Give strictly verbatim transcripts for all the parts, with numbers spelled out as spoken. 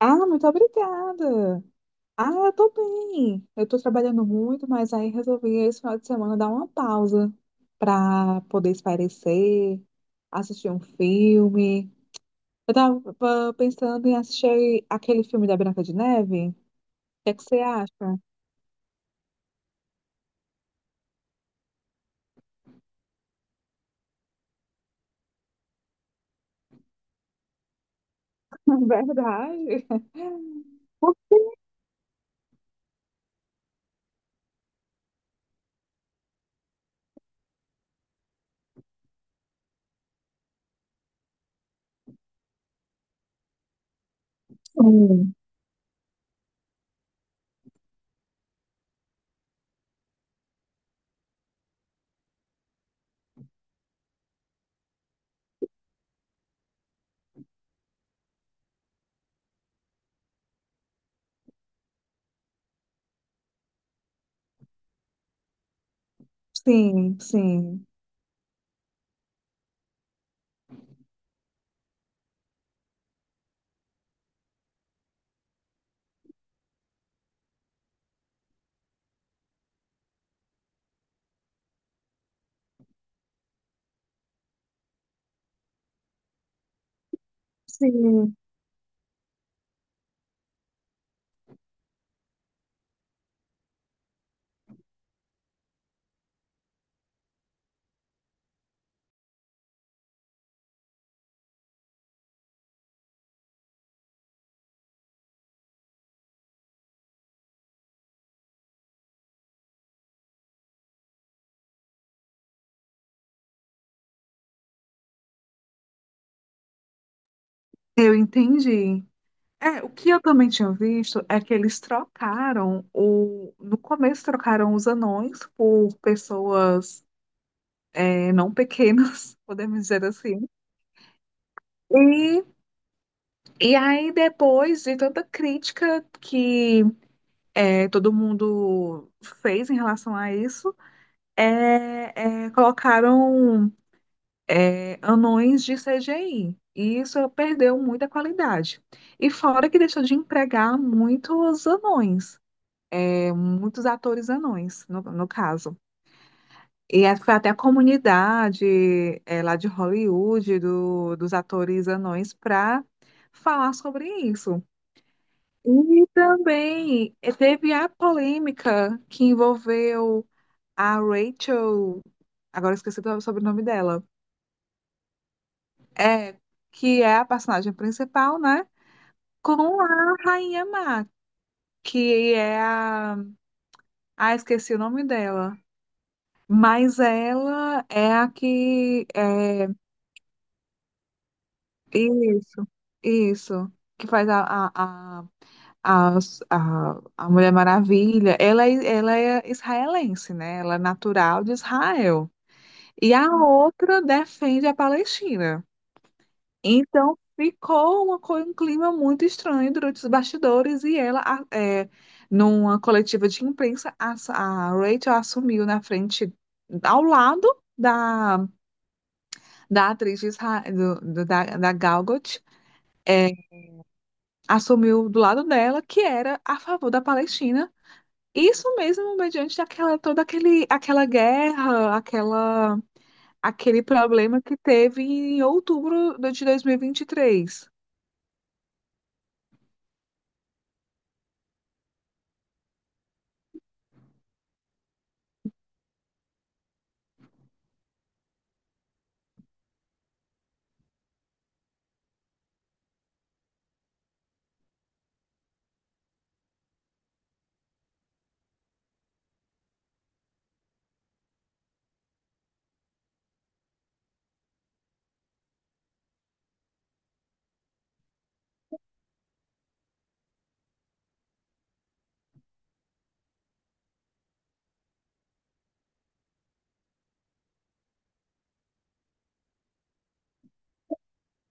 Ah, muito obrigada. Ah, eu tô bem. Eu tô trabalhando muito, mas aí resolvi esse final de semana dar uma pausa pra poder espairecer, assistir um filme. Eu tava pensando em assistir aquele filme da Branca de Neve. O que é que você acha? Verdade? Sim, sim, sim. Sim, eu entendi. É, o que eu também tinha visto é que eles trocaram o. No começo trocaram os anões por pessoas é, não pequenas, podemos dizer assim. E, e aí, depois de tanta crítica que é, todo mundo fez em relação a isso, é, é, colocaram é, anões de C G I. E isso perdeu muita qualidade. E fora que deixou de empregar muitos anões. é, muitos atores anões, no, no caso. E é- foi até a comunidade é, lá de Hollywood, do- dos atores anões, para falar sobre isso. E também é, teve a polêmica que envolveu a Rachel, agora eu esqueci do sobrenome dela, é, que é a personagem principal, né? Com a Rainha Má, que é a. Ah, esqueci o nome dela. Mas ela é a que é isso, isso, que faz a, a, a, a, a a Mulher Maravilha. Ela, é- ela é israelense, né? Ela é natural de Israel. E a outra defende a Palestina. Então ficou uma, co- um clima muito estranho durante os bastidores e ela, a- é, numa coletiva de imprensa, a, a Rachel assumiu na frente, ao lado. Da da atriz de Isra- do, do- da, da Gal Gadot, é, assumiu do lado dela que era a favor da Palestina. Isso mesmo, mediante aquela, toda aquele, aquela guerra, aquela, aquele problema que teve em outubro do- de dois mil e vinte e três.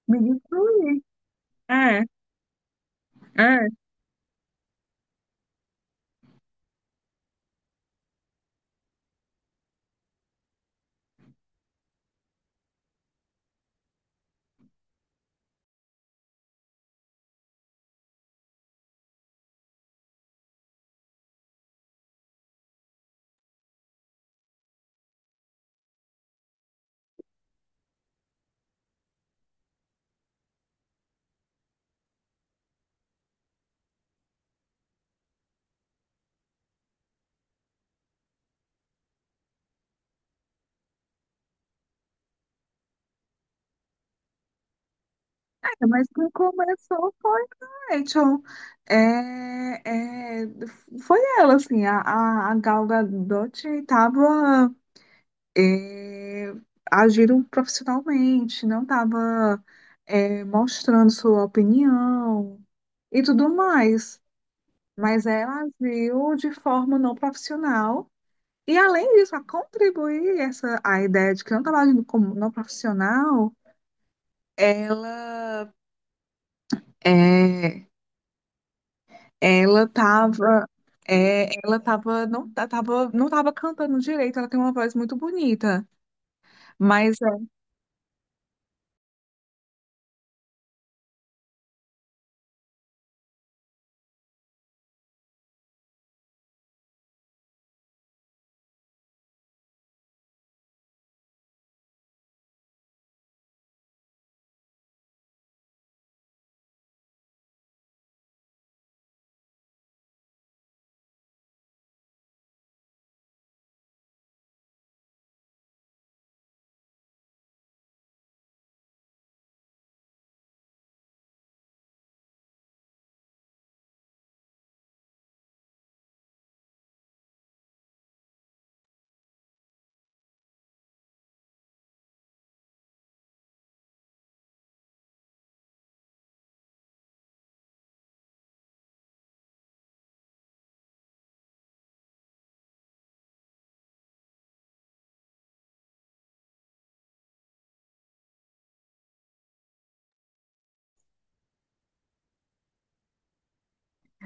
Me destruí. É, é. É, Mas quem começou foi a Rachel. É, é, foi ela, assim, a, a, a Gal Gadot estava é, agiram profissionalmente, não estava mostrando sua opinião e tudo mais. Mas ela agiu de forma não profissional. E além disso, a contribuir essa, a ideia de que não estava agindo como não profissional, ela é, ela estava ela tava, não estava não tava cantando direito, ela tem uma voz muito bonita, mas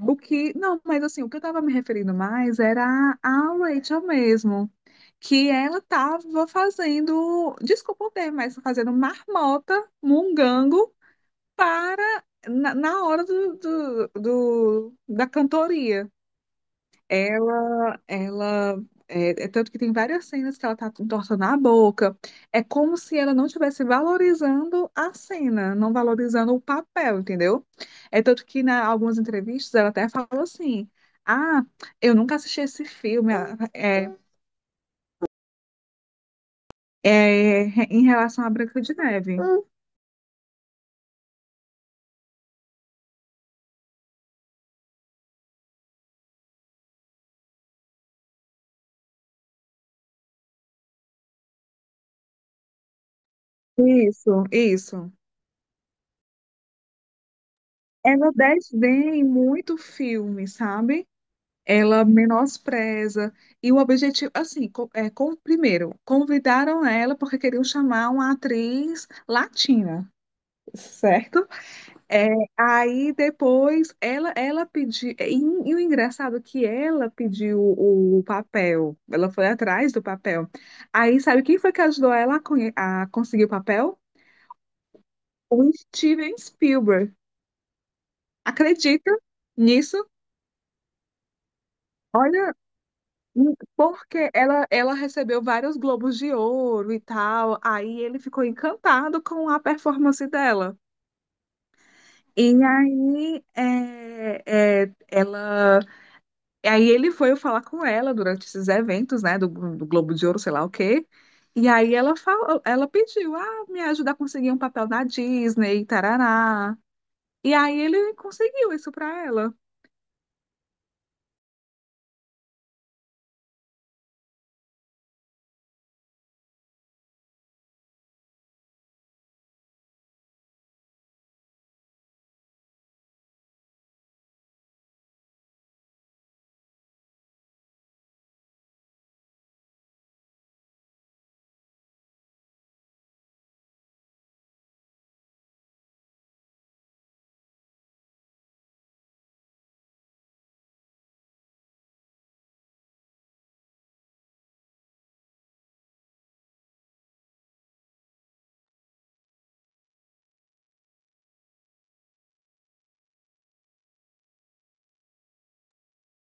O que, não, mas assim, o que eu estava me referindo mais era a Rachel mesmo, que ela estava fazendo, desculpa o termo, mas fazendo marmota, mungango, para, na, na hora do, do, do- da cantoria. Ela, ela, é, é tanto que tem várias cenas que ela tá entortando a boca. É como se ela não estivesse valorizando a cena, não valorizando o papel, entendeu? É tanto que na algumas entrevistas ela até fala assim: Ah, eu nunca assisti esse filme ah, é, é, em relação à Branca de Neve. Isso, isso. Ela desdém muito filme, sabe? Ela menospreza. E o objetivo, assim, co- é, com, primeiro, convidaram ela porque queriam chamar uma atriz latina, certo? É, aí depois ela, ela pediu, e, e o engraçado é que ela pediu o, papel, ela foi atrás do papel. Aí sabe quem foi que ajudou ela a, conhe- a conseguir o papel? O Steven Spielberg. Acredita nisso? Olha, hum, porque ela, ela recebeu vários Globos de Ouro e tal, aí ele ficou encantado com a performance dela. E aí, é, é, ela, e aí ele foi falar com ela durante esses eventos, né, do, do Globo de Ouro, sei lá o quê. E aí ela falou, ela pediu, ah, me ajuda a conseguir um papel na Disney, tarará. E aí ele conseguiu isso pra ela.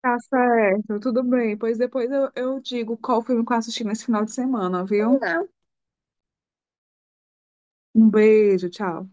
Tá certo, tudo bem. Pois depois eu, eu digo qual filme que eu assisti nesse final de semana, viu? Um beijo, tchau.